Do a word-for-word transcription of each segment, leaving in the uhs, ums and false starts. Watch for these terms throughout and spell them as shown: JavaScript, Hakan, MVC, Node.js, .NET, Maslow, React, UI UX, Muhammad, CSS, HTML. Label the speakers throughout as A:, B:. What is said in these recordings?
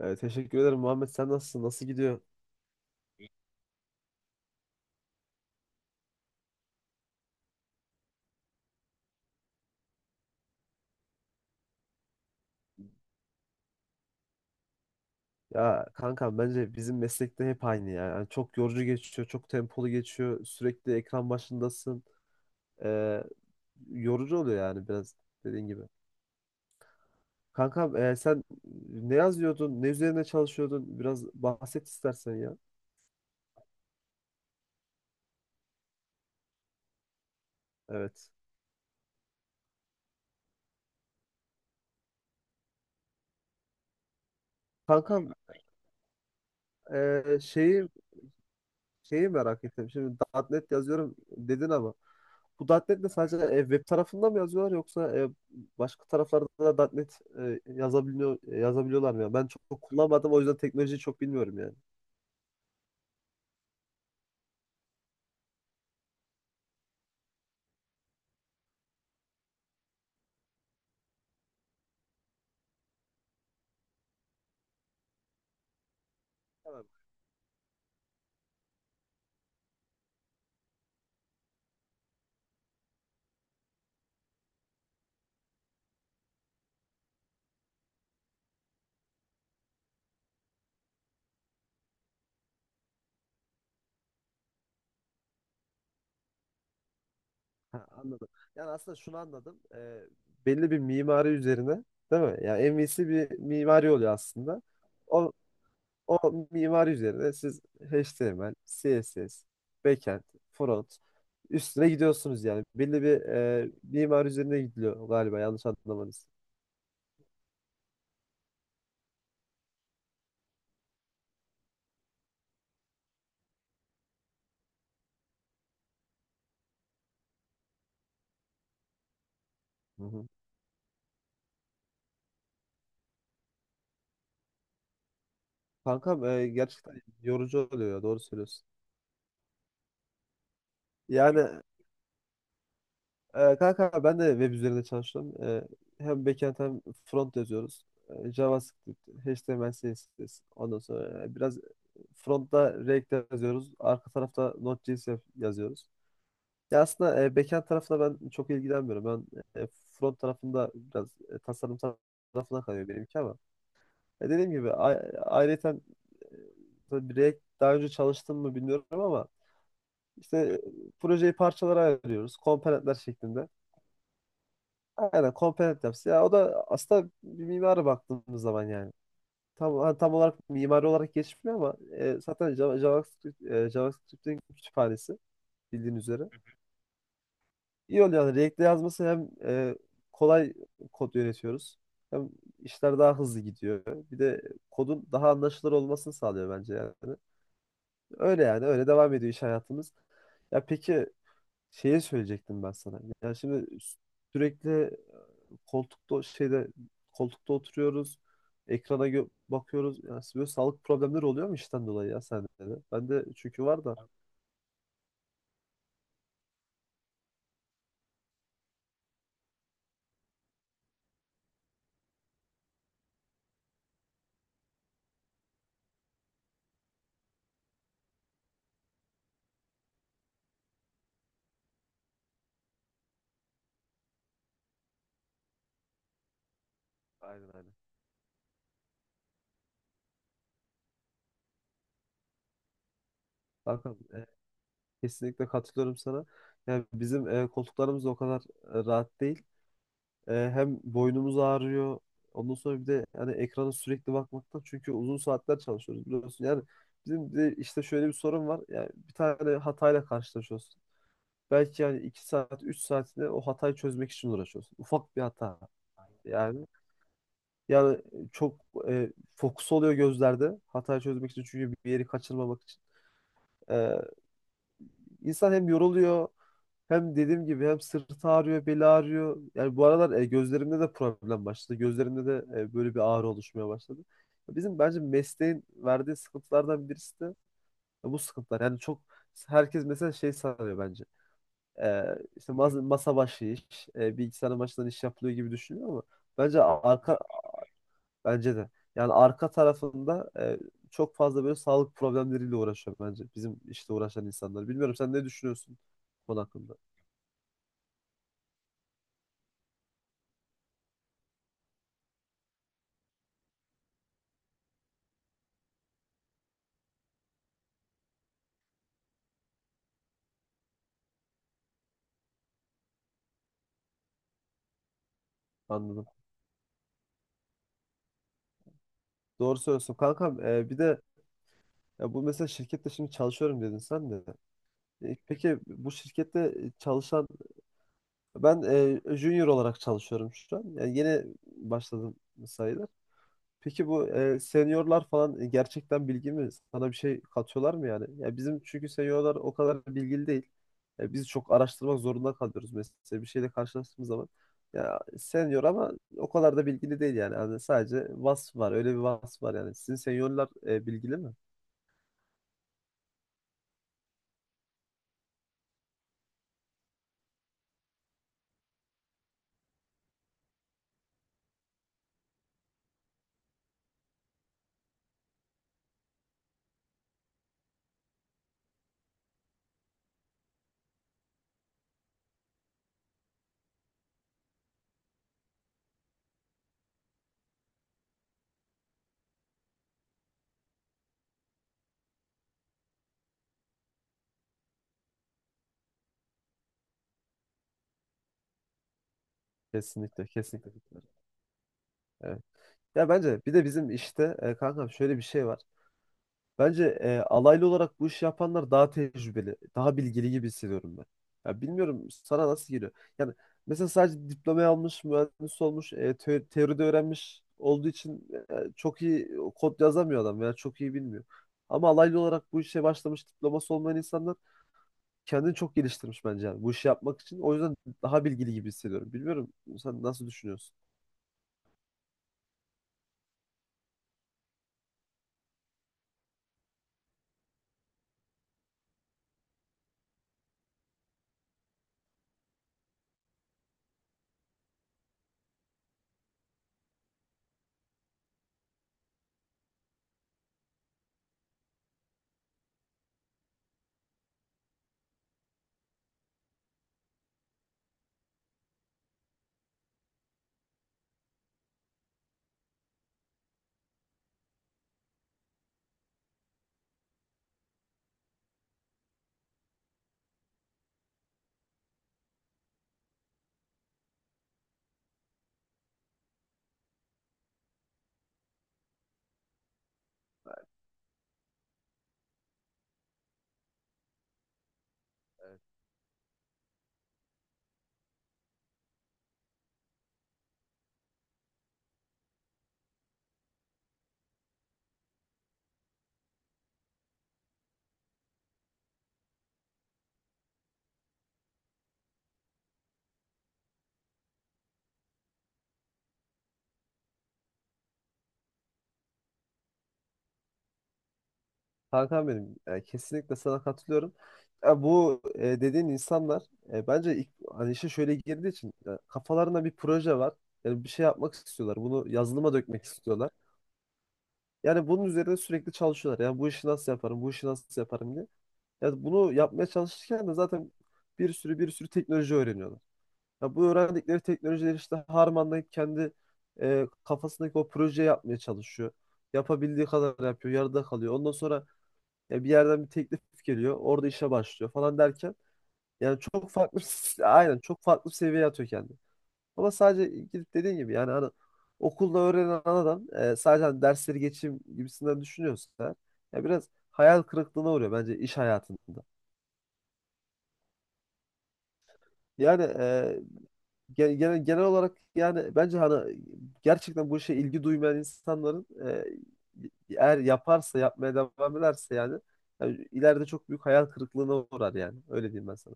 A: Ee, teşekkür ederim Muhammed. Sen nasılsın? Nasıl gidiyor? Ya kankam, bence bizim meslekte hep aynı ya. Yani çok yorucu geçiyor, çok tempolu geçiyor. Sürekli ekran başındasın. Ee, Yorucu oluyor yani, biraz dediğin gibi. Kankam, e, sen ne yazıyordun? Ne üzerine çalışıyordun? Biraz bahset istersen ya. Evet. Kankam, e, şeyi şeyi merak ettim. Şimdi .NET yazıyorum dedin ama bu .NET'le sadece e, web tarafında mı yazıyorlar, yoksa e, başka taraflarda da .NET e, yazabiliyor e, yazabiliyorlar mı ya? Ben çok kullanmadım, o yüzden teknolojiyi çok bilmiyorum yani. Tamam. Ha, anladım. Yani aslında şunu anladım. E, belli bir mimari üzerine, değil mi? Yani M V C bir mimari oluyor aslında. O O mimari üzerine siz H T M L, C S S, backend, front üstüne gidiyorsunuz yani. Belli bir e, mimari üzerine gidiliyor galiba, yanlış anlamanız. Hı hı. Kankam, e, gerçekten yorucu oluyor ya, doğru söylüyorsun. Yani. Ee, kanka, ben de web üzerinde çalıştım. Ee, hem backend hem front yazıyoruz. Ee, JavaScript, H T M L, C S S. Ondan sonra e, biraz frontta React yazıyoruz. Arka tarafta Node.js yaz- yazıyoruz. Ya aslında e, backend tarafına ben çok ilgilenmiyorum. Ben e, front tarafında biraz e, tasarım tar- tarafına kalıyor benimki ama. E, dediğim gibi, a- ayrıyeten e, tabii, React daha önce çalıştım mı bilmiyorum ama işte e, projeyi parçalara ayırıyoruz, komponentler şeklinde. Aynen, komponent yapısı. Ya o da aslında bir mimara baktığımız zaman yani. Tam, ha, tam olarak mimari olarak geçmiyor ama e, zaten Java- JavaScript, e, JavaScript'in kütüphanesi bildiğin üzere. İyi oluyor yani React'le yazması. Hem e, kolay kod yönetiyoruz, hem işler daha hızlı gidiyor. Bir de kodun daha anlaşılır olmasını sağlıyor bence yani. Öyle yani, öyle devam ediyor iş hayatımız. Ya peki, Şeye söyleyecektim ben sana. Yani şimdi sürekli e, koltukta şeyde koltukta oturuyoruz. Ekrana gö- bakıyoruz. Yani böyle sağlık problemleri oluyor mu işten dolayı, ya sende de? Ben de çünkü var da. Aynen, aynen. Hakan, e, kesinlikle katılıyorum sana. Yani bizim e, koltuklarımız da o kadar e, rahat değil. E, hem boynumuz ağrıyor. Ondan sonra bir de yani, ekrana sürekli bakmaktan, çünkü uzun saatler çalışıyoruz biliyorsun. Yani bizim de işte şöyle bir sorun var: yani bir tane hatayla karşılaşıyoruz, belki yani iki saat üç saatinde o hatayı çözmek için uğraşıyorsun. Ufak bir hata yani. Yani çok e, fokus oluyor gözlerde hatayı çözmek için, çünkü bir yeri kaçırmamak için. E, insan hem yoruluyor, hem dediğim gibi, hem sırtı ağrıyor, beli ağrıyor. Yani bu aralar e, gözlerimde de problem başladı. Gözlerimde de e, böyle bir ağrı oluşmaya başladı. Bizim bence mesleğin verdiği sıkıntılardan birisi de bu sıkıntılar. Yani çok, herkes mesela şey sanıyor bence. Ee, işte masa, masa başı iş, e, bilgisayar başından iş yapılıyor gibi düşünüyor ama bence arka bence de yani, arka tarafında e, çok fazla böyle sağlık problemleriyle uğraşıyor bence bizim işte uğraşan insanlar. Bilmiyorum, sen ne düşünüyorsun bu konu hakkında? Anladım. Doğru söylüyorsun kankam. e, bir de, ya bu, mesela şirkette şimdi çalışıyorum dedin sen de. E, Peki, bu şirkette çalışan ben, e, junior olarak çalışıyorum şu an. Yani yeni başladım sayılır. Peki bu e, seniorlar falan gerçekten bilgi mi? Sana bir şey katıyorlar mı yani? Ya bizim çünkü seniorlar o kadar bilgili değil. E, biz çok araştırmak zorunda kalıyoruz mesela, bir şeyle karşılaştığımız zaman. Ya senior ama o kadar da bilgili değil yani. Yani sadece vasf var. Öyle bir vasf var yani. Sizin seniorlar e, bilgili mi? Kesinlikle, kesinlikle. Evet. Ya bence bir de bizim işte, e, kankam, şöyle bir şey var. Bence e, alaylı olarak bu işi yapanlar daha tecrübeli, daha bilgili gibi hissediyorum ben. Ya bilmiyorum, sana nasıl geliyor. Yani mesela sadece diplomayı almış, mühendis olmuş, e, teo- teoride öğrenmiş olduğu için e, çok iyi kod yazamıyor adam veya çok iyi bilmiyor. Ama alaylı olarak bu işe başlamış, diploması olmayan insanlar kendini çok geliştirmiş bence, yani bu işi yapmak için. O yüzden daha bilgili gibi hissediyorum. Bilmiyorum, sen nasıl düşünüyorsun? Hakan, benim, e, kesinlikle sana katılıyorum. Ya bu e, dediğin insanlar e, bence ilk, hani işe şöyle girdiği için e, kafalarında bir proje var. Yani bir şey yapmak istiyorlar, bunu yazılıma dökmek istiyorlar. Yani bunun üzerine sürekli çalışıyorlar, yani bu işi nasıl yaparım, bu işi nasıl yaparım diye. Yani bunu yapmaya çalışırken de zaten bir sürü bir sürü teknoloji öğreniyorlar. Ya bu öğrendikleri teknolojileri işte harmanlayıp kendi e, kafasındaki o projeyi yapmaya çalışıyor. Yapabildiği kadar yapıyor, yarıda kalıyor. Ondan sonra ya bir yerden bir teklif geliyor, orada işe başlıyor falan derken, yani çok farklı aynen, çok farklı bir seviyeye atıyor kendini. Ama sadece gidip dediğin gibi, yani hani okulda öğrenen adam e, sadece hani dersleri geçeyim gibisinden düşünüyorsa eğer, ya biraz hayal kırıklığına uğruyor bence iş hayatında. Yani e, Ge- Genel, genel olarak yani, bence hani gerçekten bu işe ilgi duymayan insanların, e, eğer yaparsa, yapmaya devam ederse yani, yani, ileride çok büyük hayal kırıklığına uğrar, yani öyle diyeyim ben sana.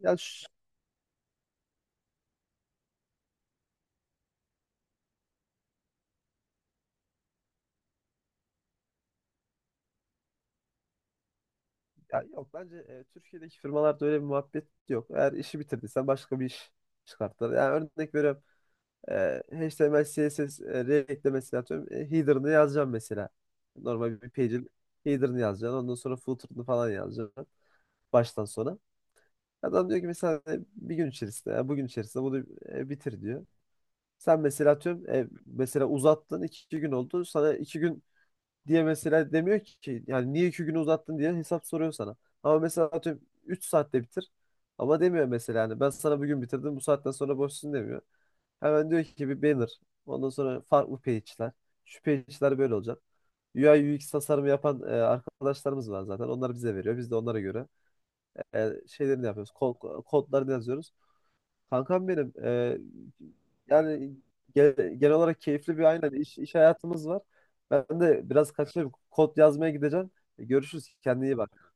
A: Ya, ş- ya yok bence e, Türkiye'deki firmalarda öyle bir muhabbet yok. Eğer işi bitirdiysen başka bir iş çıkartırlar. Yani örnek veriyorum, e, H T M L, C S S, e, React'le mesela, atıyorum, e, header'ını yazacağım mesela. Normal bir page'in header'ını yazacaksın, ondan sonra footer'ını falan yazacaksın, baştan sona. Adam diyor ki mesela e, bir gün içerisinde, ya bugün içerisinde bunu e, bitir diyor. Sen mesela atıyorum, e, mesela uzattın, iki, iki gün oldu. Sana iki gün diye mesela demiyor ki yani, niye iki günü uzattın diye hesap soruyor sana. Ama mesela atıyorum üç saatte bitir. Ama demiyor mesela yani, ben sana bugün bitirdim, bu saatten sonra boşsun demiyor. Hemen diyor ki bir banner, ondan sonra farklı page'ler, şu page'ler böyle olacak. U I U X tasarımı yapan e, arkadaşlarımız var zaten. Onlar bize veriyor, biz de onlara göre e, şeylerini yapıyoruz. Kod, kodlarını yazıyoruz. Kankam, benim, e, yani ge- genel olarak keyifli bir, aynen, iş, iş hayatımız var. Ben de biraz kaçayım, kod yazmaya gideceğim. Görüşürüz, kendine iyi bak.